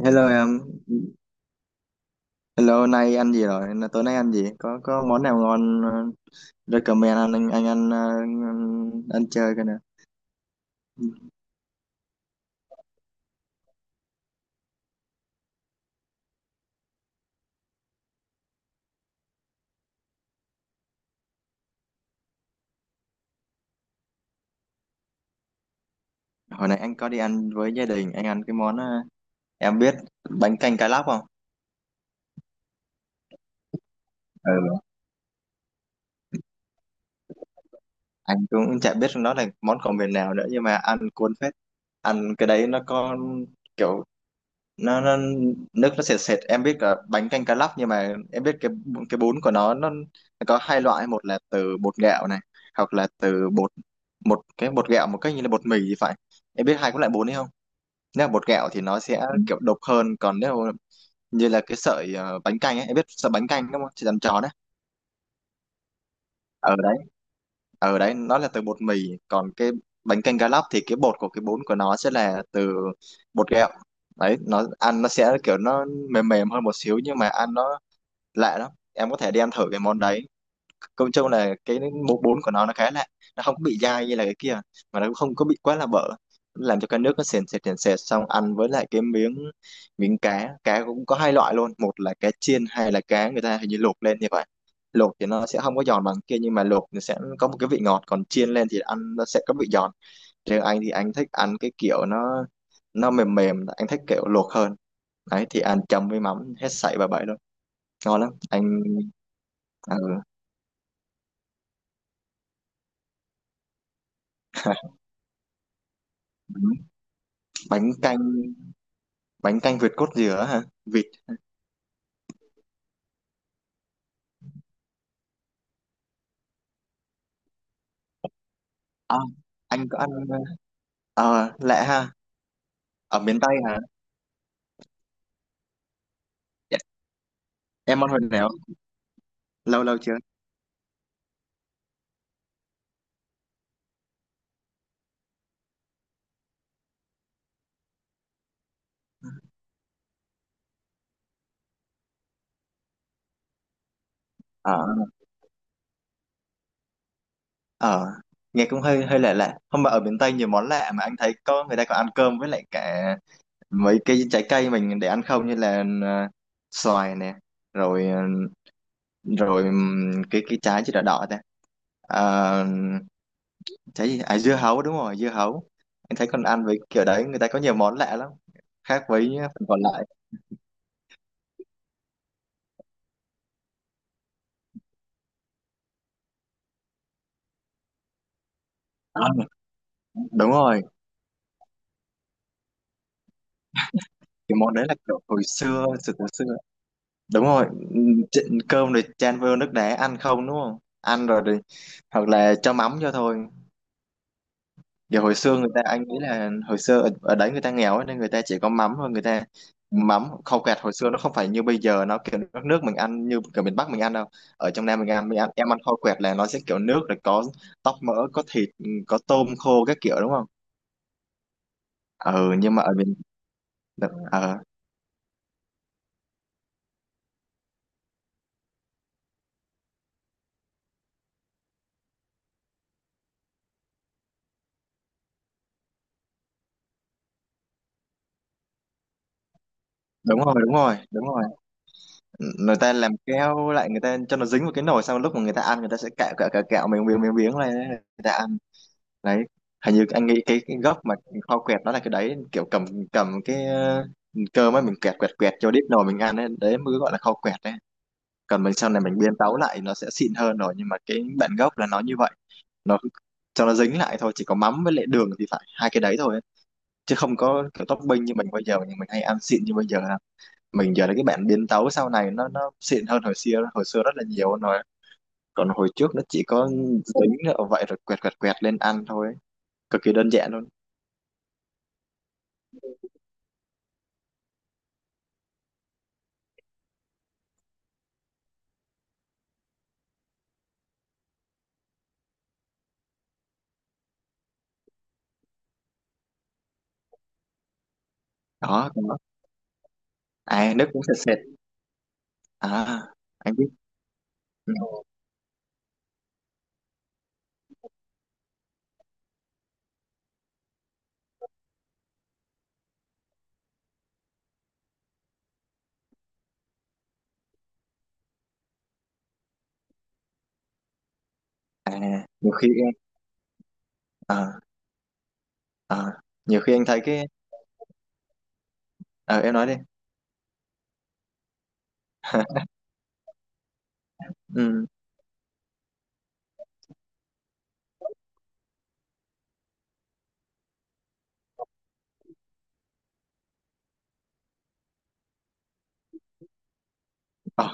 Hello em, hello nay ăn gì rồi? Tối nay ăn gì? Có món nào ngon recommend anh ăn ăn chơi cái nè. Hồi nãy anh có đi ăn với gia đình, anh ăn cái món em biết bánh canh cá lóc không? Ừ. Anh cũng chả biết nó là món của miền nào nữa nhưng mà ăn cuốn phết. Ăn cái đấy nó có kiểu nó nước nó sệt sệt, em biết là bánh canh cá lóc nhưng mà em biết cái cái bún của nó có hai loại, một là từ bột gạo này hoặc là từ bột, một cái bột gạo một cái như là bột mì thì phải. Em biết hai cái loại bún đấy không? Nếu là bột gạo thì nó sẽ, ừ, kiểu độc hơn, còn nếu như là cái sợi bánh canh ấy, em biết sợi bánh canh đúng không, chỉ làm tròn đấy, ở đấy ở đấy nó là từ bột mì. Còn cái bánh canh cá lóc thì cái bột của cái bún của nó sẽ là từ bột gạo. Đấy nó ăn nó sẽ kiểu nó mềm mềm hơn một xíu nhưng mà ăn nó lạ lắm, em có thể đem thử cái món đấy. Công chung là cái múc bún của nó khá lạ, nó không có bị dai như là cái kia mà nó cũng không có bị quá là bở, làm cho cái nước nó sền sệt sền sệt, xong ăn với lại cái miếng miếng cá. Cá cũng có hai loại luôn, một là cá chiên, hai là cá người ta hình như luộc lên như vậy. Luộc thì nó sẽ không có giòn bằng kia nhưng mà luộc thì sẽ có một cái vị ngọt, còn chiên lên thì ăn nó sẽ có vị giòn. Riêng anh thì anh thích ăn cái kiểu nó mềm mềm, anh thích kiểu luộc hơn. Đấy thì ăn chấm với mắm hết sảy bà bảy luôn, ngon lắm. Anh, ừ, Hả? Bánh canh bánh canh việt cốt dừa hả? Vịt. À, anh có ăn, ờ lạ ha. Ở miền Tây hả? Dạ, em ăn hồi nào? Lâu lâu chưa? Ờ ờ, nghe cũng hơi hơi lạ lạ. Không mà ở miền Tây nhiều món lạ, mà anh thấy có người ta còn ăn cơm với lại cả mấy cái trái cây mình để ăn không, như là xoài nè, rồi ờ, rồi cái trái chứ đỏ đỏ ta. Ờ, trái gì à, dưa hấu, đúng rồi, dưa hấu. Anh thấy còn ăn với kiểu đấy, người ta có nhiều món lạ lắm, khác với phần còn lại. Ăn mà. Đúng rồi, cái món đấy là kiểu hồi xưa, từ hồi xưa, đúng rồi. Cơm rồi chan vô nước đá ăn không, đúng không, ăn rồi thì hoặc là cho mắm cho thôi. Kiểu hồi xưa người ta, anh nghĩ là hồi xưa ở đấy người ta nghèo ấy, nên người ta chỉ có mắm thôi. Người ta mắm khâu quẹt hồi xưa nó không phải như bây giờ, nó kiểu nước, nước mình ăn như kiểu miền Bắc mình ăn đâu. Ở trong Nam mình ăn, mình ăn, em ăn khâu quẹt là nó sẽ kiểu nước rồi có tóp mỡ, có thịt, có tôm khô các kiểu, đúng không. Ừ nhưng mà ở miền, ờ, đúng rồi, người ta làm keo lại, người ta cho nó dính vào cái nồi, xong lúc mà người ta ăn, người ta sẽ cạo cạo cạo cạo miếng miếng miếng miếng lên người ta ăn. Đấy, hình như anh nghĩ cái gốc mà kho quẹt đó là cái đấy, kiểu cầm, cầm cái cơm ấy, mình quẹt quẹt quẹt cho đít nồi mình ăn ấy, đấy mới gọi là kho quẹt đấy. Còn mình sau này mình biến tấu lại nó sẽ xịn hơn rồi, nhưng mà cái bản gốc là nó như vậy, nó cho nó dính lại thôi, chỉ có mắm với lại đường thì phải, hai cái đấy thôi ấy. Chứ không có kiểu topping như mình bây giờ, nhưng mình hay ăn xịn như bây giờ đâu. Mình giờ là cái bản biến tấu sau này, nó xịn hơn hồi xưa rất là nhiều luôn rồi. Còn hồi trước nó chỉ có dính ở vậy rồi quẹt quẹt quẹt lên ăn thôi ấy, cực kỳ đơn giản luôn. Có. À, nước cũng sệt sệt. À, anh biết. Ừ. À, nhiều khi em, ờ, ờ, nhiều khi anh thấy cái, ờ em nói đi. Ừ. Ờ,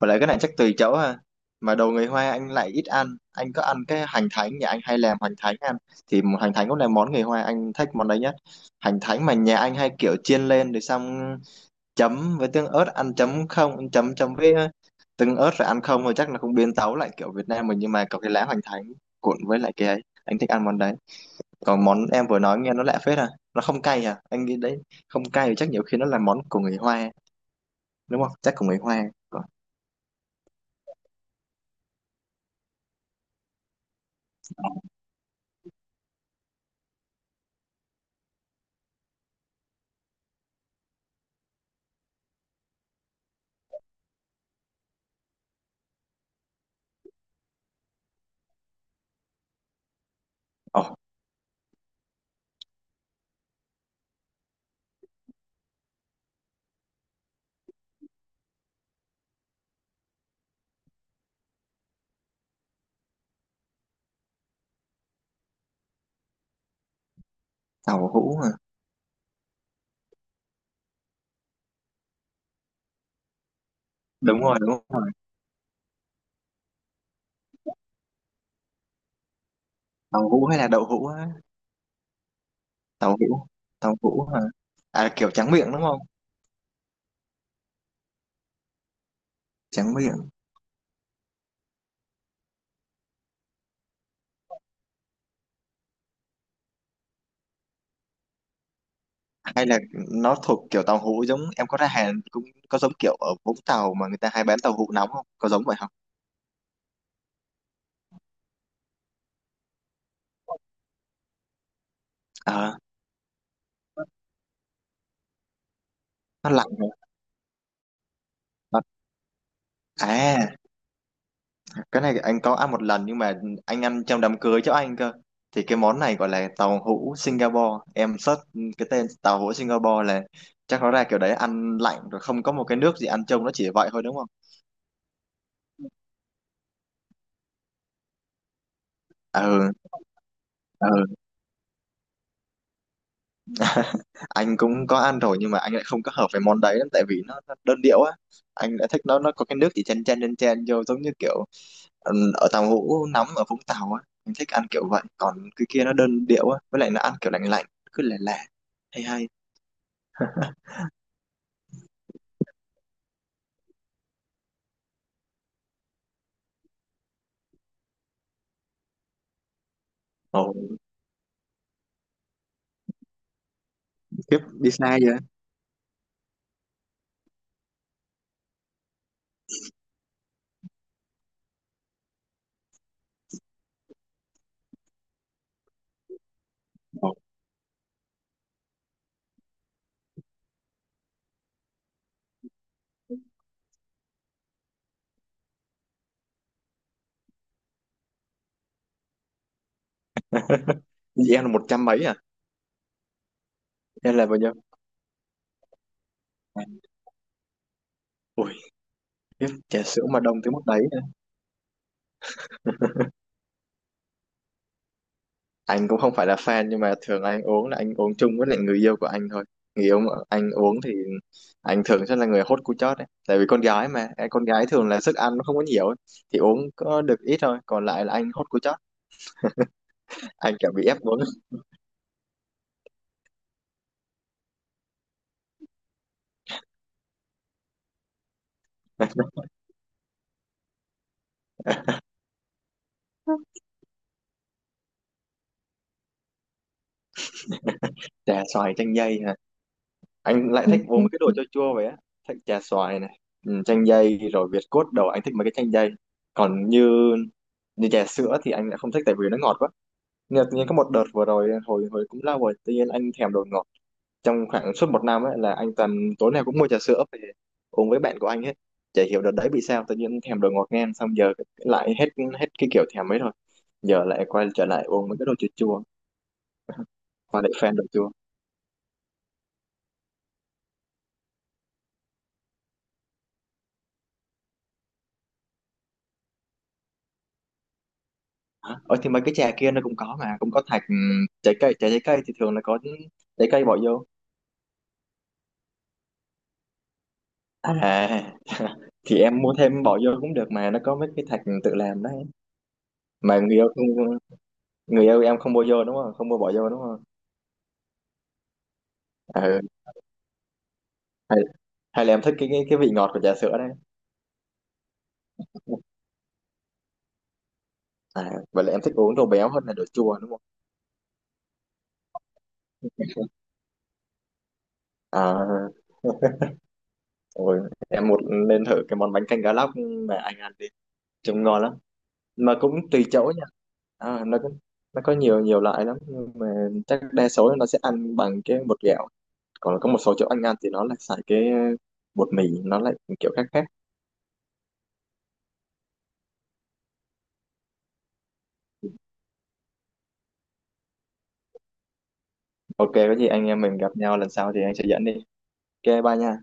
và lại cái này chắc tùy chỗ ha. Mà đồ người Hoa anh lại ít ăn. Anh có ăn cái hành thánh, nhà anh hay làm hành thánh ăn. Hành thánh cũng là món người Hoa, anh thích món đấy nhất. Hành thánh mà nhà anh hay kiểu chiên lên rồi xong chấm với tương ớt ăn, chấm không, chấm chấm với tương ớt rồi ăn không rồi, chắc là không biến tấu lại kiểu Việt Nam mình, nhưng mà có cái lá hành thánh cuộn với lại cái ấy, anh thích ăn món đấy. Còn món em vừa nói nghe nó lạ phết à, nó không cay à anh nghĩ đấy. Không cay thì chắc nhiều khi nó là món của người Hoa đúng không, chắc của người Hoa. Còn- Ồ, tàu hũ hả, đúng rồi, tàu hũ hay là đậu hũ á, tàu hũ, tàu hũ hả, à kiểu tráng miệng đúng không, tráng miệng. Hay là nó thuộc kiểu tàu hũ giống em có ra Hàn cũng có, giống kiểu ở Vũng Tàu mà người ta hay bán tàu hũ nóng, không có giống vậy không? À nó lạnh hả? Nó- à cái này anh có ăn một lần nhưng mà anh ăn trong đám cưới cháu anh cơ. Thì cái món này gọi là tàu hũ Singapore, em search cái tên tàu hũ Singapore là chắc nó ra kiểu đấy, ăn lạnh rồi không có một cái nước gì ăn, trông nó chỉ vậy thôi đúng không. Ừ ừ anh cũng có ăn rồi nhưng mà anh lại không có hợp với món đấy lắm, tại vì nó đơn điệu á. Anh lại thích nó có cái nước chỉ chen chen chen chen vô, giống như kiểu ừ, ở tàu hũ nóng ở Vũng Tàu á, anh thích ăn kiểu vậy. Còn cái kia nó đơn điệu á, với lại nó ăn kiểu lạnh lạnh, cứ lè lè. Hay hay Kiếp đi xa vậy? Ủa, vậy em là một trăm mấy à? Em là bao nhiêu? À, Ui, trà sữa mà đông tới mức đấy nữa. Anh cũng không phải là fan, nhưng mà thường anh uống là anh uống chung với lại người yêu của anh thôi. Người yêu mà anh uống thì anh thường sẽ là người hốt cú chót ấy. Tại vì con gái mà, con gái thường là sức ăn nó không có nhiều ấy. Thì uống có được ít thôi, còn lại là anh hốt cú chót. Anh kiểu bị ép uống. Trà xoài chanh dây hả? Anh lại thích uống mấy cái đồ chua chua vậy á. Thích trà xoài này, ừ, chanh dây rồi Việt cốt đầu, anh thích mấy cái chanh dây. Còn như như trà sữa thì anh lại không thích tại vì nó ngọt quá. Nhưng mà tự nhiên có một đợt vừa rồi, hồi hồi cũng lâu rồi, tự nhiên anh thèm đồ ngọt. Trong khoảng suốt một năm ấy là anh toàn tối nào cũng mua trà sữa về uống với bạn của anh hết, chả hiểu đợt đấy bị sao tự nhiên thèm đồ ngọt ngang. Xong giờ lại hết, cái kiểu thèm ấy rồi, giờ lại quay trở lại uống mấy cái đồ chua chua và lại fan đồ chua. Hả? Ờ thì mấy cái trà kia nó cũng có mà, cũng có thạch, trái cây, trái cây thì thường là có trái cây bỏ vô. À, thì em mua thêm bỏ vô cũng được mà, nó có mấy cái thạch tự làm đấy. Mà người yêu em không mua vô đúng không, không mua bỏ vô đúng không. Ừ. hay, hay là em thích cái cái vị ngọt của trà sữa đấy. À vậy là em thích uống đồ béo hơn là đồ chua đúng không. À Ôi, em một nên thử cái món bánh canh cá lóc mà anh ăn đi, trông ngon lắm, mà cũng tùy chỗ nha. À, nó có nhiều nhiều loại lắm nhưng mà chắc đa số nó sẽ ăn bằng cái bột gạo, còn có một số chỗ anh ăn thì nó lại xài cái bột mì, nó lại kiểu khác khác. Ok, có gì anh em mình gặp nhau lần sau thì anh sẽ dẫn đi. Ok bye nha.